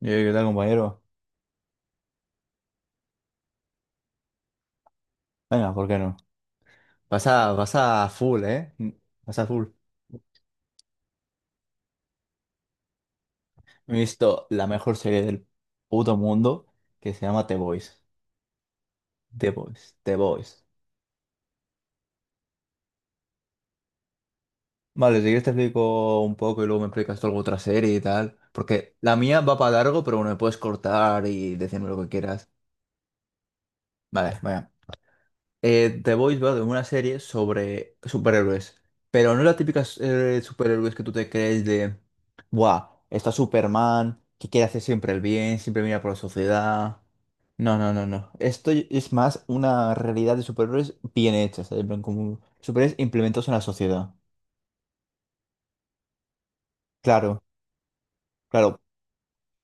¿Qué tal, compañero? Venga, ¿por qué no? Vas a full, ¿eh? Vas a full. No, he visto la mejor serie del puto mundo que se llama The Boys. The Boys. Vale, si quieres te explico un poco y luego me explicas tú alguna otra serie y tal. Porque la mía va para largo, pero bueno, me puedes cortar y decirme lo que quieras. Vale, venga. The Boys va de una serie sobre superhéroes, pero no las típicas superhéroes que tú te crees de, ¡buah! Está Superman, que quiere hacer siempre el bien, siempre mira por la sociedad. No, no, no, no. Esto es más una realidad de superhéroes bien hecha, ¿sabes? En plan, como superhéroes implementados en la sociedad. Claro, claro,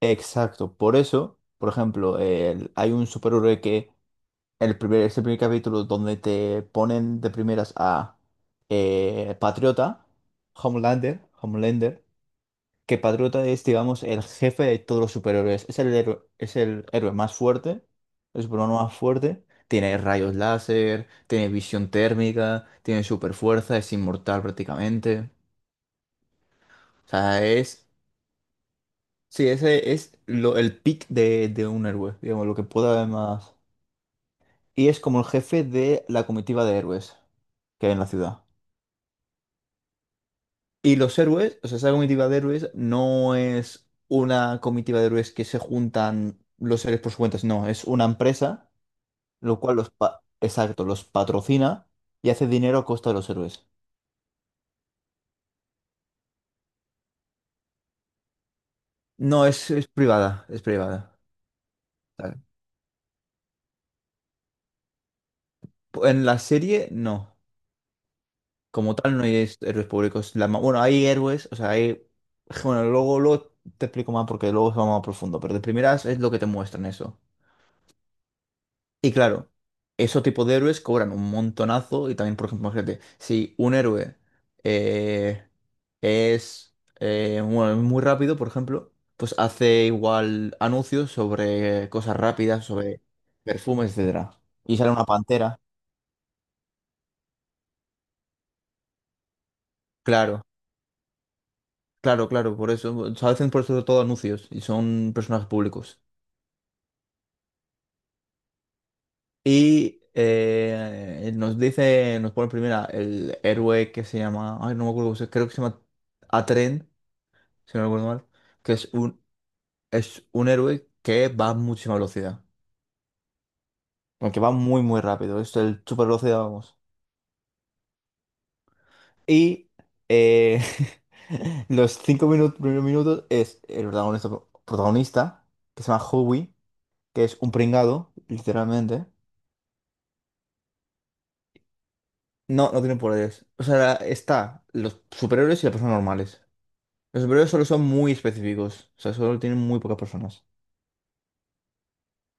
exacto. Por eso, por ejemplo, hay un superhéroe que ese primer capítulo donde te ponen de primeras a Patriota, Homelander, que Patriota es, digamos, el jefe de todos los superhéroes. Es el héroe más fuerte, el superhéroe más fuerte. Tiene rayos láser, tiene visión térmica, tiene superfuerza, es inmortal prácticamente. O sea, es... Sí, ese es el pick de un héroe, digamos, lo que pueda haber más. Y es como el jefe de la comitiva de héroes que hay en la ciudad. Y los héroes, o sea, esa comitiva de héroes no es una comitiva de héroes que se juntan los héroes por su cuenta, no, es una empresa, lo cual exacto, los patrocina y hace dinero a costa de los héroes. No, es privada, es privada. Tal. En la serie, no. Como tal, no hay héroes públicos. Bueno, hay héroes, o sea, hay... Bueno, luego te explico más porque luego se va más a profundo, pero de primeras es lo que te muestran eso. Y claro, esos tipos de héroes cobran un montonazo y también, por ejemplo, imagínate, si un héroe eh, es bueno, muy rápido, por ejemplo, pues hace igual anuncios sobre cosas rápidas, sobre perfumes, etcétera. Y sale una pantera. Claro, claro, por eso. O sea, hacen por eso todo anuncios y son personajes públicos. Y nos pone primera el héroe que se llama, ay, no me acuerdo, creo que se llama Atren si no recuerdo mal, que es es un héroe que va a muchísima velocidad, aunque va muy, muy rápido, es el super velocidad, vamos. Y eh, los 5 minutos, primeros minutos es el protagonista, que se llama Howie, que es un pringado, literalmente. No, no tiene poderes. O sea, está los superhéroes y las personas normales. Los superhéroes solo son muy específicos, o sea, solo tienen muy pocas personas.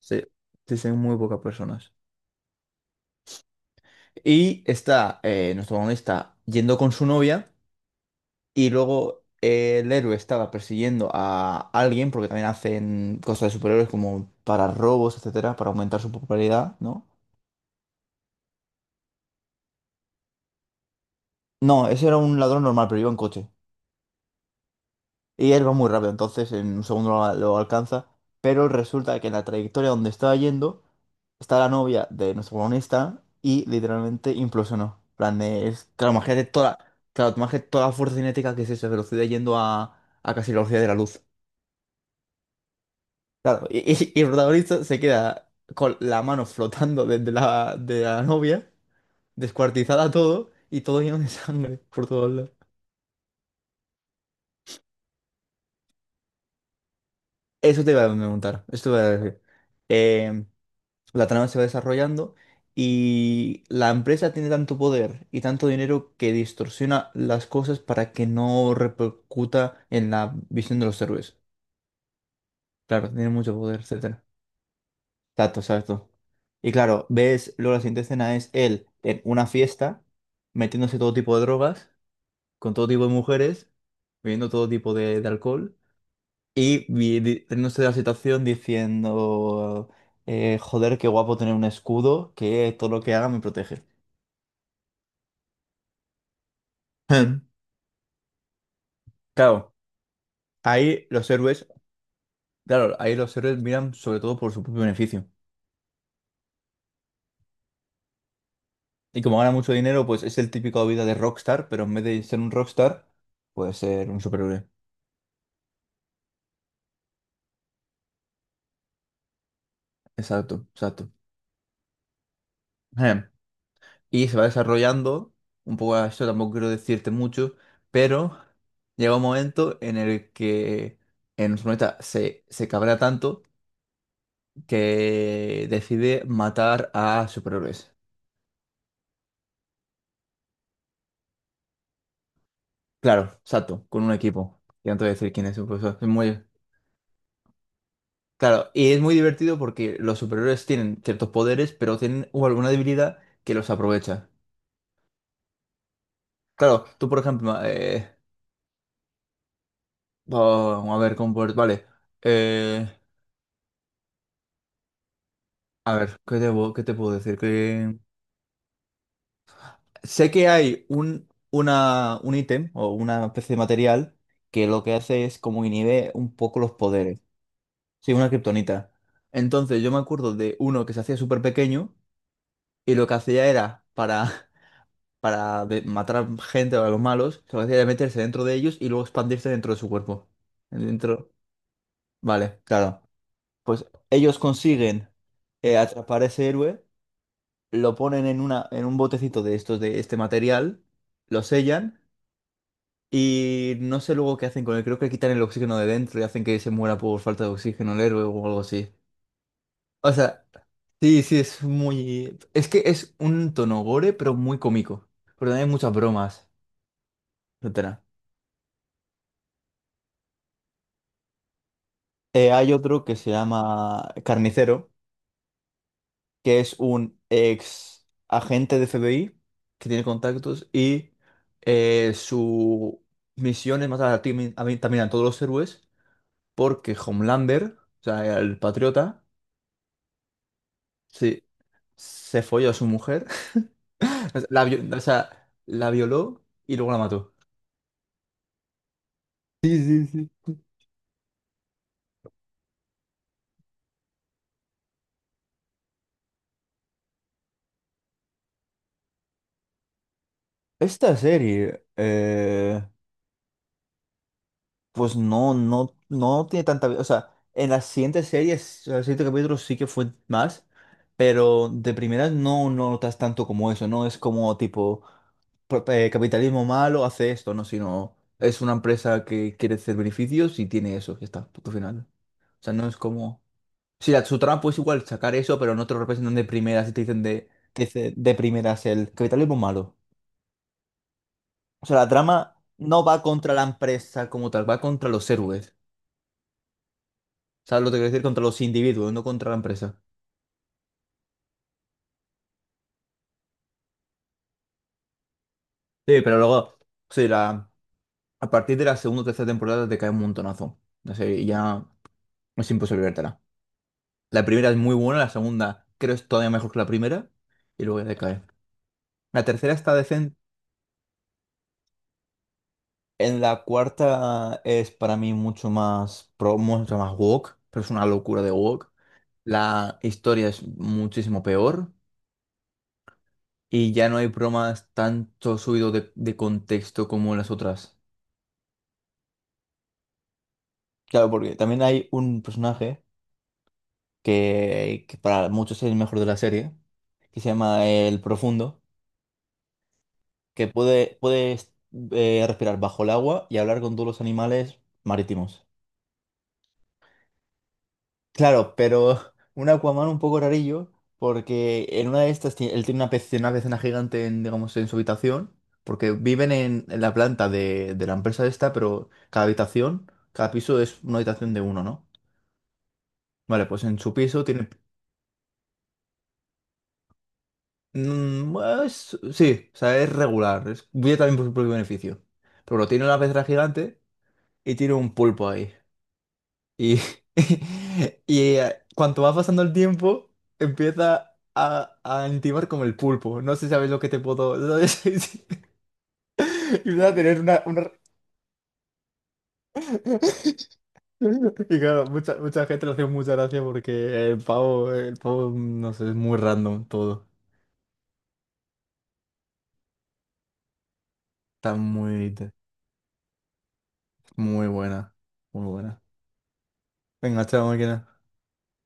Sí, sí, son muy pocas personas. Y está nuestro protagonista yendo con su novia y luego el héroe estaba persiguiendo a alguien porque también hacen cosas de superhéroes como para robos, etcétera, para aumentar su popularidad, ¿no? No, ese era un ladrón normal, pero iba en coche. Y él va muy rápido, entonces en un segundo lo alcanza, pero resulta que en la trayectoria donde estaba yendo está la novia de nuestro protagonista y literalmente implosionó. En plan, claro, imagínate toda la fuerza cinética que es esa velocidad yendo a casi la velocidad de la luz. Claro, y el protagonista se queda con la mano flotando de la novia, descuartizada todo y todo lleno de sangre por todos lados. Eso te iba a preguntar, esto te iba a decir. Em, La trama se va desarrollando y la empresa tiene tanto poder y tanto dinero que distorsiona las cosas para que no repercuta en la visión de los héroes. Claro, tiene mucho poder, etcétera. Exacto, exacto. Y claro, ves, luego la siguiente escena es él en una fiesta, metiéndose todo tipo de drogas, con todo tipo de mujeres, bebiendo todo tipo de alcohol y teniéndose de la situación diciendo, joder, qué guapo tener un escudo que todo lo que haga me protege. Hmm. Claro, ahí los héroes, claro, ahí los héroes miran sobre todo por su propio beneficio. Y como gana mucho dinero, pues es el típico vida de rockstar, pero en vez de ser un rockstar, puede ser un superhéroe. Exacto, exacto. Em, Y se va desarrollando, un poco a esto tampoco quiero decirte mucho, pero llega un momento en el que en su planeta se cabrea tanto que decide matar a superhéroes. Claro, exacto, con un equipo. Y antes de decir quién es un profesor, es muy, claro, y es muy divertido porque los superhéroes tienen ciertos poderes, pero tienen alguna debilidad que los aprovecha. Claro, tú por ejemplo, vamos a ver, vale, eh, a ver, ¿qué te, qué te puedo decir? Que sé que hay un ítem o una especie de material que lo que hace es como inhibe un poco los poderes. Sí, una kriptonita. Entonces yo me acuerdo de uno que se hacía súper pequeño y lo que hacía era para... para matar a gente o a los malos, lo que hacía era meterse dentro de ellos y luego expandirse dentro de su cuerpo. Dentro. Vale, claro. Pues ellos consiguen atrapar a ese héroe, lo ponen en en un botecito de estos, de este material, lo sellan y no sé luego qué hacen con él. Creo que le quitan el oxígeno de dentro y hacen que se muera por falta de oxígeno el héroe o algo así. O sea, sí, sí, es muy. Es que es un tono gore, pero muy cómico. Pero también hay muchas bromas, etcétera. Hay otro que se llama Carnicero, que es un ex agente de F b i que tiene contactos y su misión es matar a, también a todos los héroes porque Homelander, o sea, el patriota, sí, se folló a su mujer, o sea, o sea, la violó y luego la mató. Sí, sí, sí. Esta serie, pues no, no tiene tanta vida. O sea, en las siguientes series, en los siguientes capítulos sí que fue más, pero de primeras no, no notas tanto como eso, no es como tipo capitalismo malo hace esto, no, sino es una empresa que quiere hacer beneficios y tiene eso, ya está, punto final. O sea, no es como. Sí, su trama pues igual sacar eso, pero no te lo representan de primeras y te dicen te dice de primeras el capitalismo malo. O sea, la trama no va contra la empresa como tal, va contra los héroes. ¿Sabes lo que quiero decir? Contra los individuos, no contra la empresa. Sí, pero luego, sí, la, a partir de la segunda o tercera temporada te cae un montonazo. No sé, y ya es imposible vértela. La primera es muy buena, la segunda creo es todavía mejor que la primera, y luego ya te cae. La tercera está decente, en la cuarta es para mí mucho más pro, mucho más woke, pero es una locura de woke. La historia es muchísimo peor, y ya no hay bromas tanto subido de contexto como en las otras. Claro, porque también hay un personaje que para muchos es el mejor de la serie, que se llama el Profundo, que puede respirar bajo el agua y hablar con todos los animales marítimos. Claro, pero un Aquaman un poco rarillo, porque en una de estas él tiene una pecera gigante en, digamos, en su habitación, porque viven en la planta de la empresa esta, pero cada habitación, cada piso es una habitación de uno, ¿no? Vale, pues en su piso tiene bueno, sí, o sea, es regular. Es, viene también por su propio beneficio. Pero bueno, tiene una pecera gigante y tiene un pulpo ahí. Y y cuanto va pasando el tiempo, empieza a intimar como el pulpo. No sé si sabéis lo que te puedo... Sí, sí. Y empieza a tener una- Y claro, mucha gente le hace mucha gracia porque el pavo, no sé, es muy random todo. Está muy, muy buena, muy buena. Venga, chao, máquina.